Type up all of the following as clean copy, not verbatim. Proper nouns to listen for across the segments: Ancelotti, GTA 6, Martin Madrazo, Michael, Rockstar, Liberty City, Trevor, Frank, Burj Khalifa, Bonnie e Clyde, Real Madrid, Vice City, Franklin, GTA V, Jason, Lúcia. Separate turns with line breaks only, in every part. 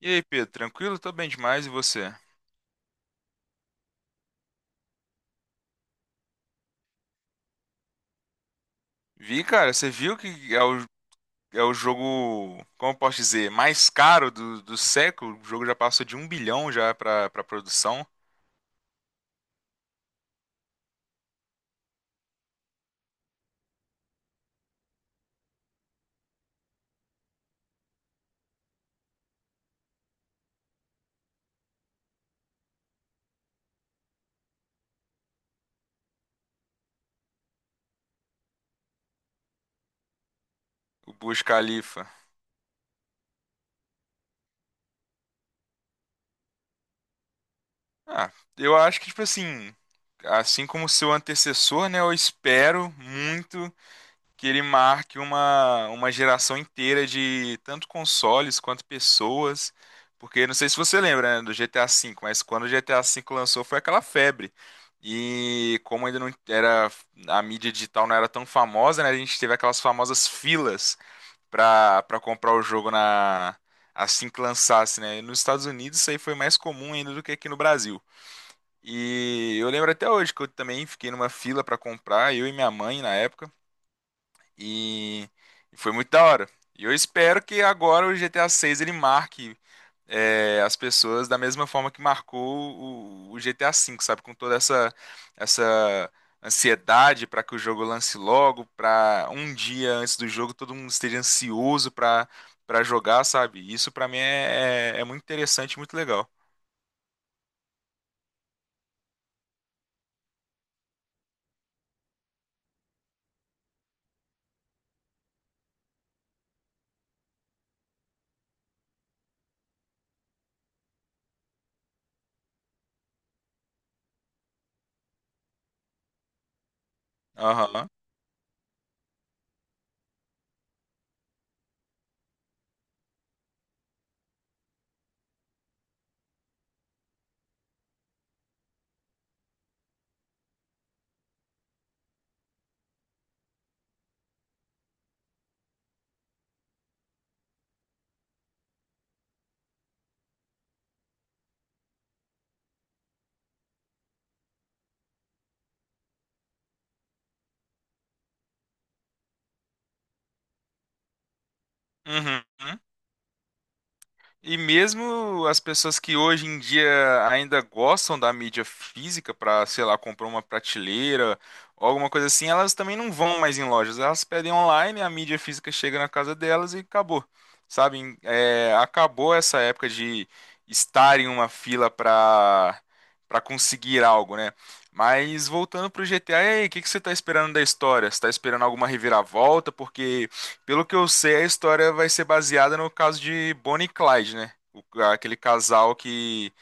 E aí, Pedro, tranquilo? Tô bem demais, e você? Vi, cara, você viu que é o jogo, como eu posso dizer, mais caro do século? O jogo já passou de um bilhão já pra produção, o Burj Khalifa. Ah, eu acho que, tipo assim, assim como seu antecessor, né, eu espero muito que ele marque uma geração inteira de tanto consoles quanto pessoas. Porque não sei se você lembra, né, do GTA V, mas quando o GTA V lançou foi aquela febre. E como ainda não era a mídia digital não era tão famosa, né, a gente teve aquelas famosas filas para comprar o jogo na assim que lançasse, né? E nos Estados Unidos isso aí foi mais comum ainda do que aqui no Brasil. E eu lembro até hoje que eu também fiquei numa fila para comprar, eu e minha mãe na época. E foi muito da hora. E eu espero que agora o GTA 6 ele marque as pessoas da mesma forma que marcou o GTA 5, sabe? Com toda essa ansiedade para que o jogo lance logo, para um dia antes do jogo todo mundo esteja ansioso para jogar, sabe? Isso pra mim é muito interessante, muito legal. Aham. Uhum. E mesmo as pessoas que hoje em dia ainda gostam da mídia física para, sei lá, comprar uma prateleira ou alguma coisa assim, elas também não vão mais em lojas. Elas pedem online, a mídia física chega na casa delas e acabou. Sabe? É, acabou essa época de estar em uma fila para conseguir algo, né? Mas voltando pro GTA, e aí, o que que você tá esperando da história? Você tá esperando alguma reviravolta? Porque pelo que eu sei, a história vai ser baseada no caso de Bonnie e Clyde, né? Aquele casal que,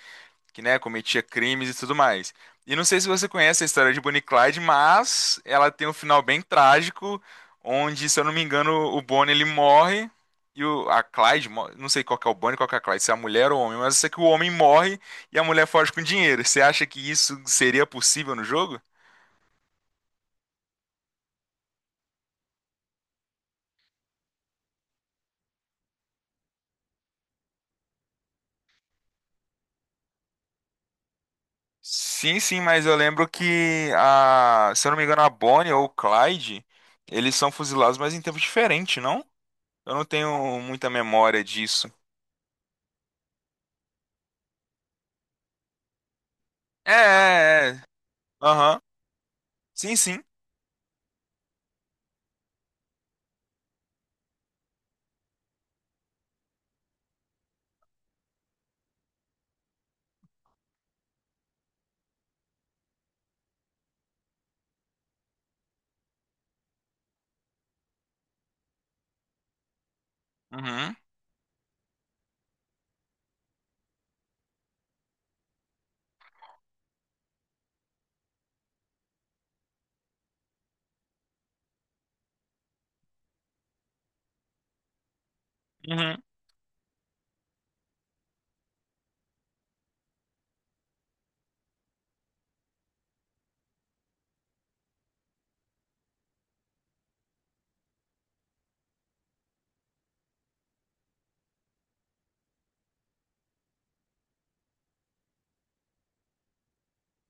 que, né, cometia crimes e tudo mais. E não sei se você conhece a história de Bonnie e Clyde, mas ela tem um final bem trágico, onde, se eu não me engano, o Bonnie ele morre e a Clyde, não sei qual que é o Bonnie, qual que é a Clyde, se é a mulher ou o homem, mas eu sei que o homem morre e a mulher foge com dinheiro. Você acha que isso seria possível no jogo? Sim, sim, mas eu lembro que se eu não me engano, a Bonnie ou o Clyde, eles são fuzilados, mas em tempos diferentes, não? Eu não tenho muita memória disso. É, é, é. Aham. Sim, sim. Uhum. Uhum.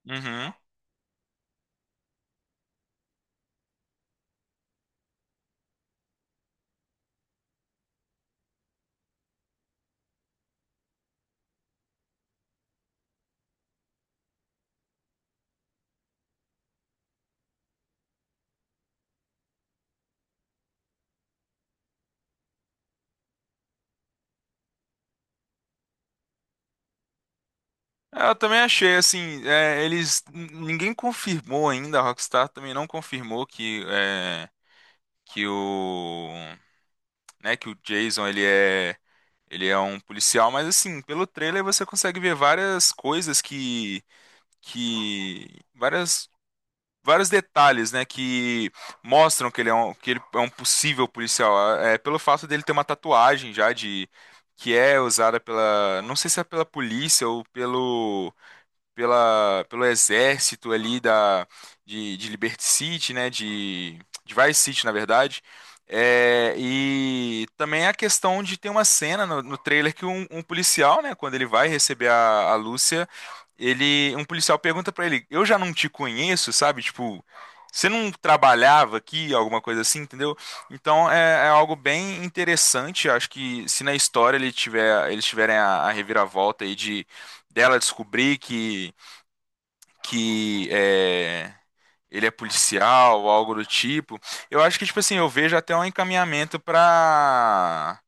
Uhum. Eu também achei assim, eles ninguém confirmou ainda, a Rockstar também não confirmou que é, que o né, que o Jason ele é um policial, mas assim, pelo trailer você consegue ver várias coisas que várias vários detalhes, né, que mostram que ele é um possível policial, é pelo fato dele ter uma tatuagem já de que é usada pela, não sei se é pela polícia ou pelo exército ali de Liberty City, né? De Vice City, na verdade. E também a questão de ter uma cena no trailer que um policial, né? Quando ele vai receber a Lúcia, um policial pergunta pra ele: Eu já não te conheço, sabe? Tipo. Você não trabalhava aqui, alguma coisa assim, entendeu? Então é algo bem interessante. Acho que se na história ele tiver, eles tiverem a reviravolta aí de dela descobrir que ele é policial, ou algo do tipo, eu acho que, tipo assim, eu vejo até um encaminhamento pra.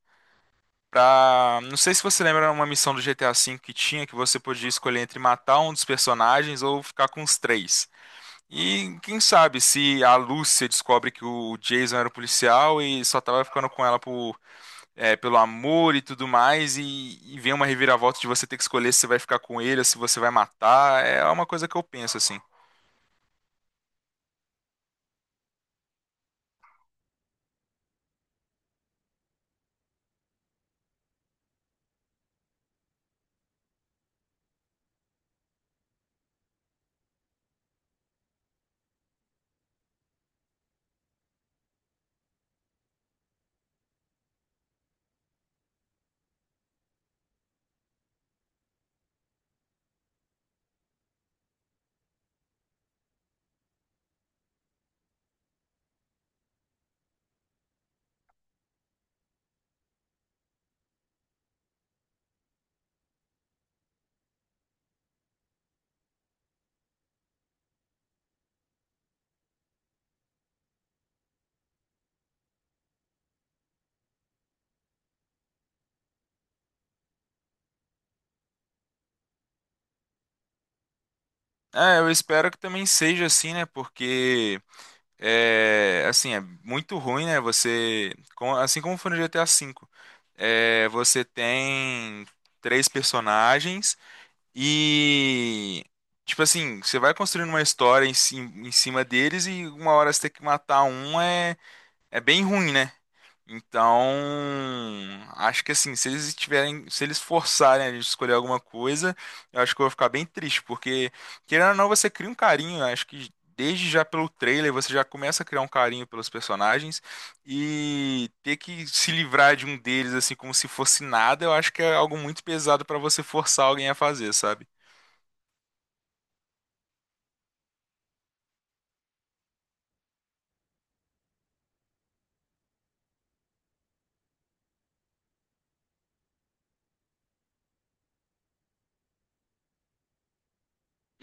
Não sei se você lembra uma missão do GTA V que tinha, que você podia escolher entre matar um dos personagens ou ficar com os três. E quem sabe se a Lúcia descobre que o Jason era o policial e só tava ficando com ela pelo amor e tudo mais, e vem uma reviravolta de você ter que escolher se você vai ficar com ele ou se você vai matar. É uma coisa que eu penso, assim. Eu espero que também seja assim, né? Porque é assim, é muito ruim, né? Você, assim como foi no GTA V, você tem três personagens e tipo assim, você vai construindo uma história em cima deles e uma hora você tem que matar um é bem ruim, né? Então, acho que assim, se eles forçarem a gente a escolher alguma coisa, eu acho que eu vou ficar bem triste, porque querendo ou não, você cria um carinho, eu acho que desde já pelo trailer você já começa a criar um carinho pelos personagens e ter que se livrar de um deles assim como se fosse nada, eu acho que é algo muito pesado pra você forçar alguém a fazer, sabe?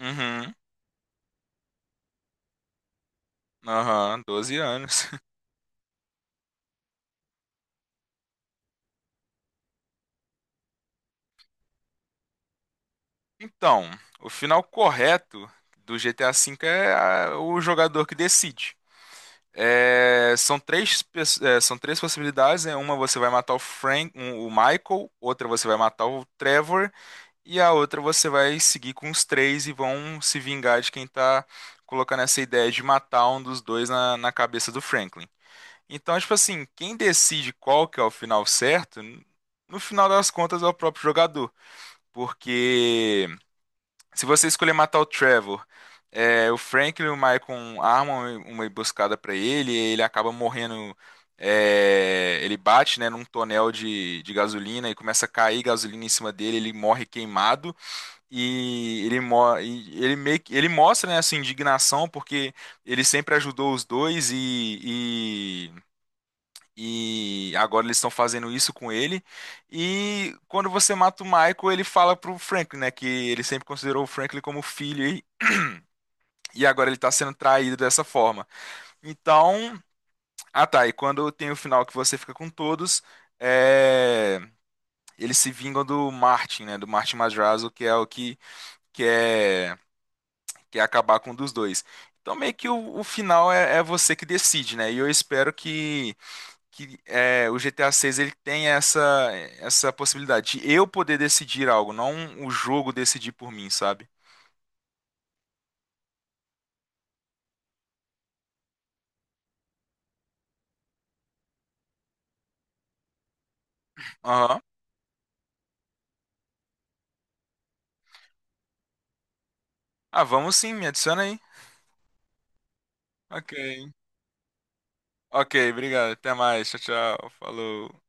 Uhum. Aham, 12 anos. Então, o final correto do GTA V é o jogador que decide. São três possibilidades, né? Uma você vai matar o Michael, outra você vai matar o Trevor, e a outra você vai seguir com os três e vão se vingar de quem tá colocando essa ideia de matar um dos dois na cabeça do Franklin. Então, tipo assim, quem decide qual que é o final certo, no final das contas é o próprio jogador, porque se você escolher matar o Trevor, o Franklin e o Michael armam uma emboscada pra ele, e ele acaba morrendo. Ele bate, né, num tonel de gasolina e começa a cair gasolina em cima dele. Ele morre queimado e ele mostra, né, a sua indignação porque ele sempre ajudou os dois e agora eles estão fazendo isso com ele. E quando você mata o Michael, ele fala pro Franklin, né? Que ele sempre considerou o Franklin como filho e agora ele tá sendo traído dessa forma. Então, ah tá, e quando tem o final que você fica com todos, é, eles se vingam do Martin, né? Do Martin Madrazo, que é o que quer quer acabar com um dos dois. Então meio que o final é você que decide, né? E eu espero que o GTA 6 ele tem essa possibilidade de eu poder decidir algo, não o jogo decidir por mim, sabe? Aham. Ah, vamos sim, me adiciona aí. Ok. Ok, obrigado. Até mais. Tchau, tchau. Falou.